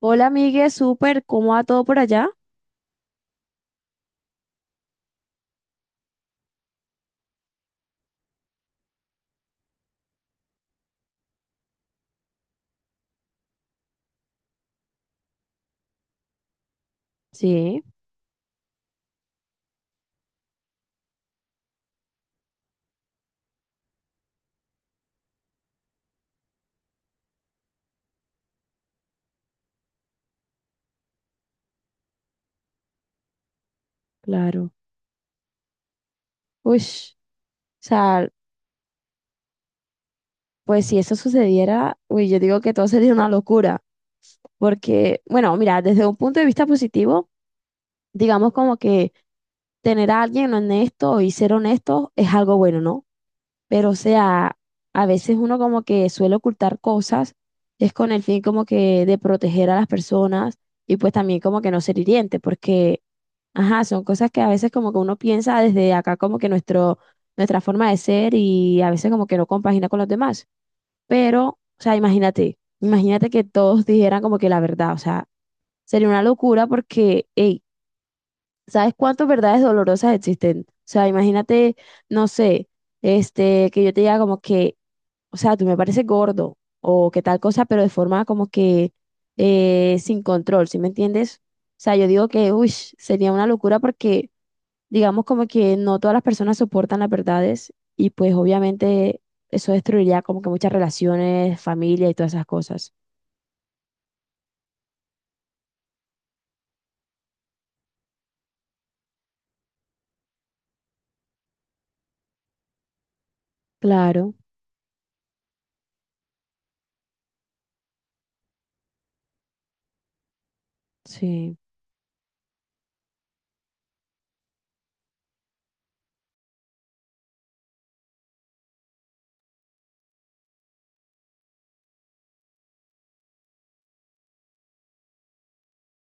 Hola, amigue, súper, ¿cómo va todo por allá? Sí, claro. Uy, o sea, pues si eso sucediera, uy, yo digo que todo sería una locura, porque, bueno, mira, desde un punto de vista positivo, digamos como que tener a alguien honesto y ser honesto es algo bueno, ¿no? Pero, o sea, a veces uno como que suele ocultar cosas, es con el fin como que de proteger a las personas y pues también como que no ser hiriente, porque, ajá, son cosas que a veces como que uno piensa desde acá como que nuestro, nuestra forma de ser y a veces como que no compagina con los demás. Pero, o sea, imagínate que todos dijeran como que la verdad, o sea, sería una locura porque, hey, ¿sabes cuántas verdades dolorosas existen? O sea, imagínate, no sé, que yo te diga como que o sea, tú me pareces gordo o qué tal cosa, pero de forma como que sin control, ¿sí me entiendes? O sea, yo digo que, uy, sería una locura porque digamos como que no todas las personas soportan las verdades y pues obviamente eso destruiría como que muchas relaciones, familia y todas esas cosas. Claro, sí,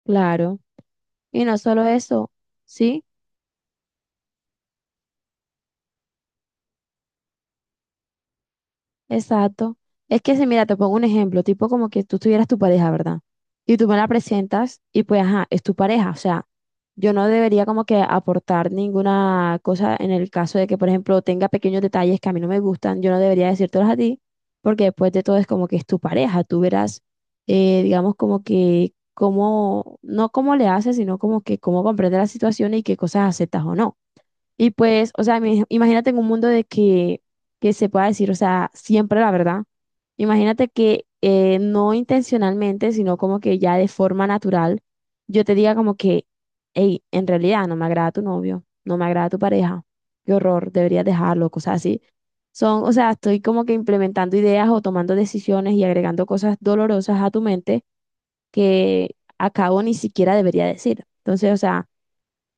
claro. Y no solo eso, ¿sí? Exacto. Es que si, mira, te pongo un ejemplo, tipo como que tú tuvieras tu pareja, ¿verdad? Y tú me la presentas y pues, ajá, es tu pareja. O sea, yo no debería como que aportar ninguna cosa en el caso de que, por ejemplo, tenga pequeños detalles que a mí no me gustan, yo no debería decírtelos a ti, porque después de todo es como que es tu pareja. Tú verás, digamos, como que cómo, no cómo le haces, sino como que cómo comprende la situación y qué cosas aceptas o no. Y pues, o sea, imagínate en un mundo de que se pueda decir, o sea, siempre la verdad. Imagínate que no intencionalmente, sino como que ya de forma natural, yo te diga como que, hey, en realidad no me agrada tu novio, no me agrada tu pareja, qué horror, deberías dejarlo, cosas así. Son, o sea, estoy como que implementando ideas o tomando decisiones y agregando cosas dolorosas a tu mente que a cabo ni siquiera debería decir. Entonces, o sea,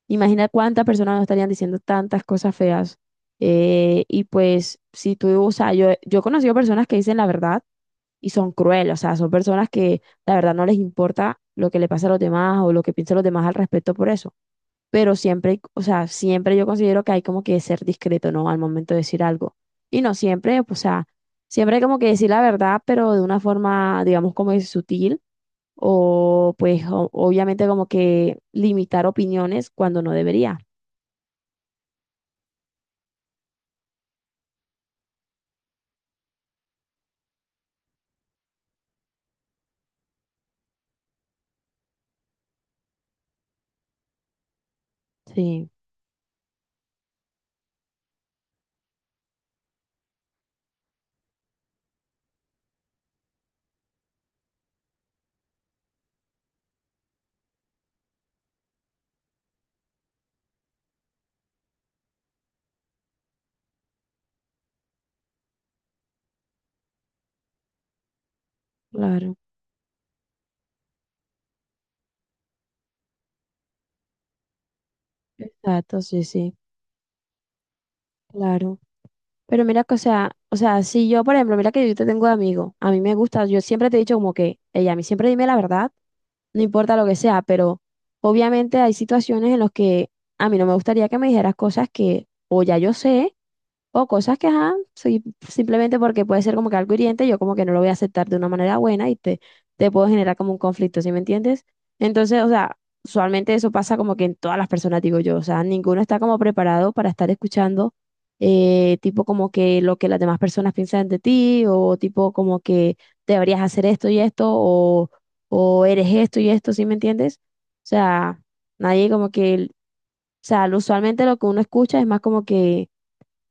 imagina cuántas personas no estarían diciendo tantas cosas feas. Y pues, si tú, o sea, yo he conocido personas que dicen la verdad y son crueles, o sea, son personas que la verdad no les importa lo que le pasa a los demás o lo que piensan los demás al respecto por eso, pero siempre, o sea, siempre yo considero que hay como que ser discreto, ¿no? Al momento de decir algo. Y no siempre, pues, o sea, siempre hay como que decir la verdad, pero de una forma, digamos, como es sutil, o pues obviamente como que limitar opiniones cuando no debería. Sí, claro. Exacto, sí, sí, claro. Pero mira que, o sea, si yo, por ejemplo, mira que yo te tengo de amigo, a mí me gusta, yo siempre te he dicho como que, ella, a mí siempre dime la verdad, no importa lo que sea, pero obviamente hay situaciones en las que a mí no me gustaría que me dijeras cosas que o ya yo sé, o cosas que, ajá, sí, simplemente porque puede ser como que algo hiriente, yo como que no lo voy a aceptar de una manera buena y te puedo generar como un conflicto, ¿sí me entiendes? Entonces, o sea, usualmente eso pasa como que en todas las personas, digo yo, o sea, ninguno está como preparado para estar escuchando tipo como que lo que las demás personas piensan de ti, o tipo como que deberías hacer esto y esto, o eres esto y esto, ¿sí me entiendes? O sea, nadie como que o sea, usualmente lo que uno escucha es más como que,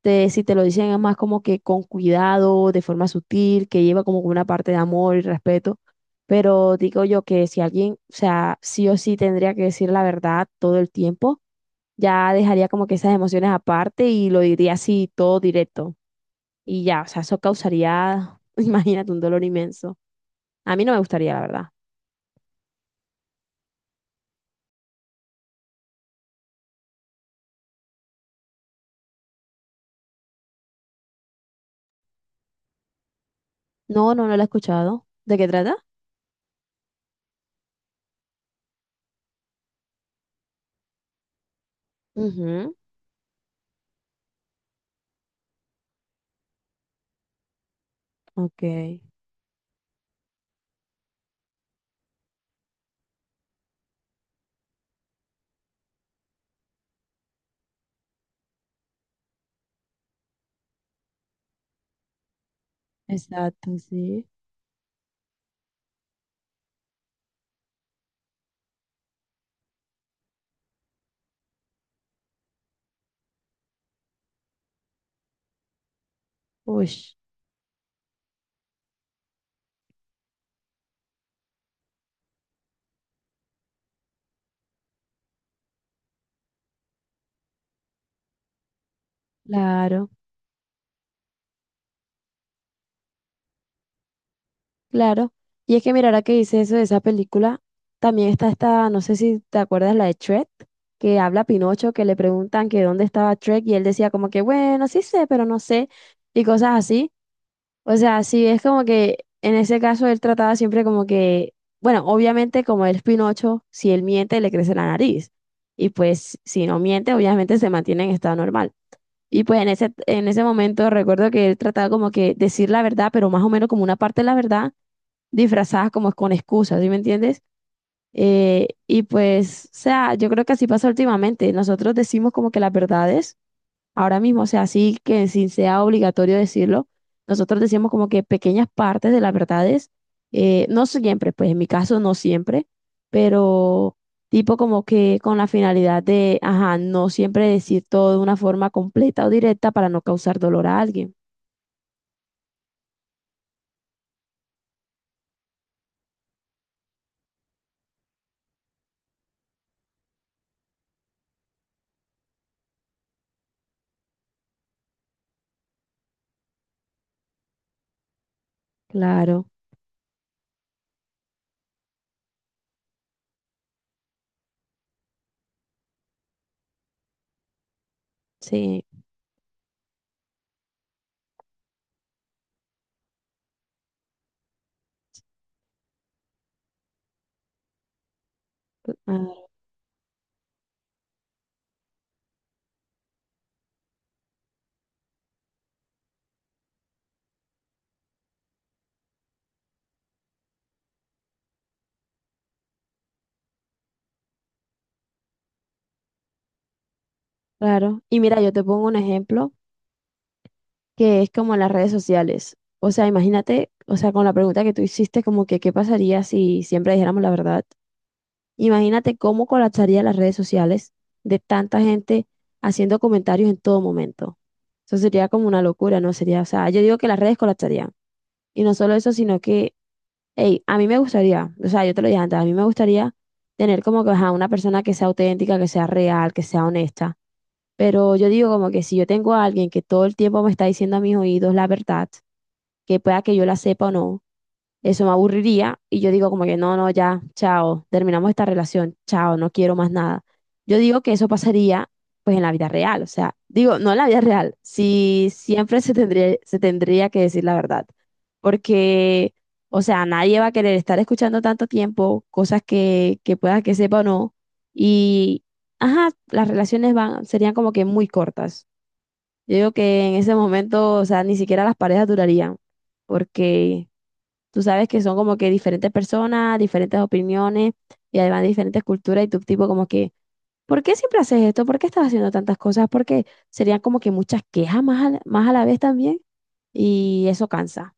si te lo dicen es más como que con cuidado, de forma sutil, que lleva como una parte de amor y respeto. Pero digo yo que si alguien, o sea, sí o sí tendría que decir la verdad todo el tiempo, ya dejaría como que esas emociones aparte y lo diría así todo directo. Y ya, o sea, eso causaría, imagínate, un dolor inmenso. A mí no me gustaría, la verdad. No, no, no lo he escuchado. ¿De qué trata? Ujú, ok. Exacto, sí. Uy, claro, claro. Y es que mira, ahora que dice eso de esa película, también está esta, no sé si te acuerdas, la de Shrek, que habla Pinocho, que le preguntan que dónde estaba Shrek y él decía como que, bueno, sí sé, pero no sé, y cosas así. O sea, sí, es como que en ese caso él trataba siempre como que, bueno, obviamente como él es Pinocho, si él miente, le crece la nariz. Y pues si no miente, obviamente se mantiene en estado normal. Y pues en ese momento recuerdo que él trataba como que decir la verdad, pero más o menos como una parte de la verdad disfrazada como con excusas, ¿sí me entiendes? Y pues, o sea, yo creo que así pasa últimamente. Nosotros decimos como que las verdades, ahora mismo, o sea, así que sin sea obligatorio decirlo, nosotros decimos como que pequeñas partes de las verdades, no siempre, pues en mi caso no siempre, pero tipo como que con la finalidad de, ajá, no siempre decir todo de una forma completa o directa para no causar dolor a alguien. Claro, sí, ah, claro. Y mira, yo te pongo un ejemplo que es como en las redes sociales. O sea, imagínate, o sea, con la pregunta que tú hiciste, como que qué pasaría si siempre dijéramos la verdad. Imagínate cómo colapsarían las redes sociales de tanta gente haciendo comentarios en todo momento. Eso sería como una locura, ¿no? Sería, o sea, yo digo que las redes colapsarían. Y no solo eso, sino que, hey, a mí me gustaría, o sea, yo te lo dije antes, a mí me gustaría tener como que, ajá, una persona que sea auténtica, que sea real, que sea honesta. Pero yo digo como que si yo tengo a alguien que todo el tiempo me está diciendo a mis oídos la verdad, que pueda que yo la sepa o no, eso me aburriría y yo digo como que no, no, ya, chao, terminamos esta relación, chao, no quiero más nada. Yo digo que eso pasaría pues en la vida real, o sea, digo, no en la vida real, si siempre se tendría que decir la verdad, porque, o sea, nadie va a querer estar escuchando tanto tiempo cosas que pueda que sepa o no, y, ajá, las relaciones van, serían como que muy cortas. Yo digo que en ese momento, o sea, ni siquiera las parejas durarían, porque tú sabes que son como que diferentes personas, diferentes opiniones y además diferentes culturas y tu tipo como que, ¿por qué siempre haces esto? ¿Por qué estás haciendo tantas cosas? Porque serían como que muchas quejas más a la vez también y eso cansa.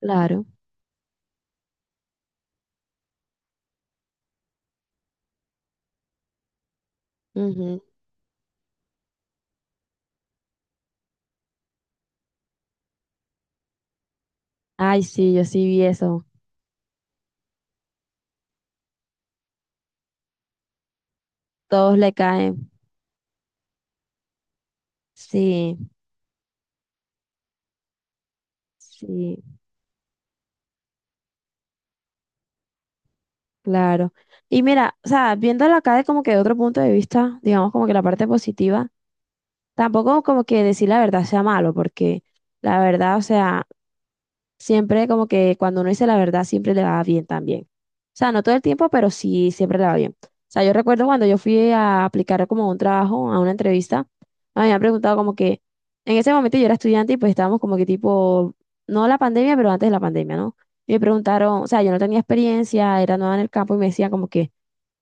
Claro. Ujú. Ay, sí, yo sí vi eso. Todos le caen. Sí, sí. Claro. Y mira, o sea, viéndolo acá de como que de otro punto de vista, digamos como que la parte positiva, tampoco como que decir la verdad sea malo, porque la verdad, o sea, siempre como que cuando uno dice la verdad, siempre le va bien también. O sea, no todo el tiempo, pero sí siempre le va bien. O sea, yo recuerdo cuando yo fui a aplicar como un trabajo, a una entrevista, a mí me han preguntado como que, en ese momento yo era estudiante y pues estábamos como que tipo, no la pandemia, pero antes de la pandemia, ¿no? Y me preguntaron, o sea, yo no tenía experiencia, era nueva en el campo y me decían como que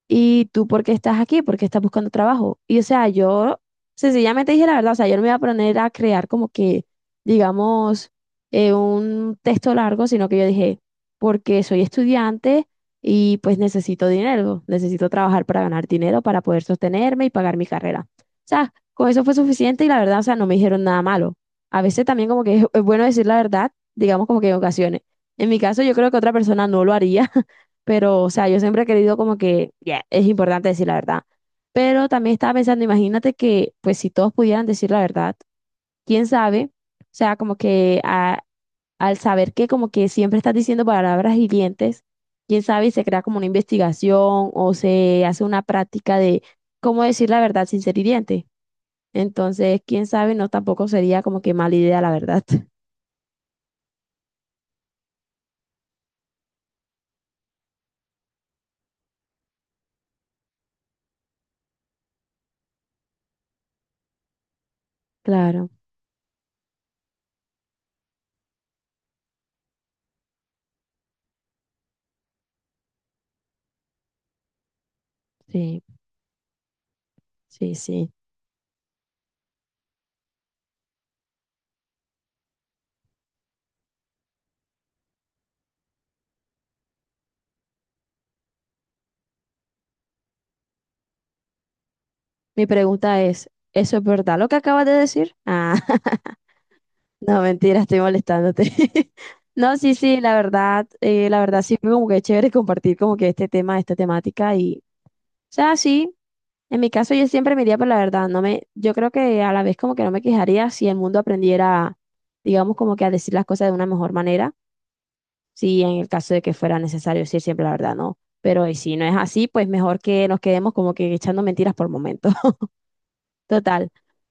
¿y tú por qué estás aquí? ¿Por qué estás buscando trabajo? Y o sea, yo sencillamente dije la verdad, o sea, yo no me iba a poner a crear como que, digamos, un texto largo, sino que yo dije, porque soy estudiante y pues necesito dinero, necesito trabajar para ganar dinero, para poder sostenerme y pagar mi carrera. O sea, con eso fue suficiente y la verdad, o sea, no me dijeron nada malo. A veces también como que es bueno decir la verdad, digamos como que en ocasiones. En mi caso, yo creo que otra persona no lo haría, pero, o sea, yo siempre he querido como que, ya, es importante decir la verdad. Pero también estaba pensando, imagínate que, pues, si todos pudieran decir la verdad, quién sabe, o sea, como que al saber que como que siempre estás diciendo palabras hirientes, quién sabe, y se crea como una investigación o se hace una práctica de cómo decir la verdad sin ser hiriente. Entonces, quién sabe, no tampoco sería como que mala idea, la verdad. Claro, sí, sí, sí. Mi pregunta es, ¿eso es verdad lo que acabas de decir? Ah. No, mentira, estoy molestándote. No, sí, sí, la verdad sí fue como que es chévere compartir como que este tema, esta temática y, o sea, sí, en mi caso yo siempre me iría por la verdad, no me, yo creo que a la vez como que no me quejaría si el mundo aprendiera, digamos, como que a decir las cosas de una mejor manera, si en el caso de que fuera necesario decir siempre la verdad, no, pero y si no es así, pues mejor que nos quedemos como que echando mentiras por momentos. Total.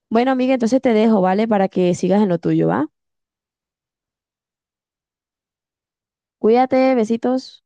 Bueno, amiga, entonces te dejo, ¿vale? Para que sigas en lo tuyo, ¿va? Cuídate, besitos.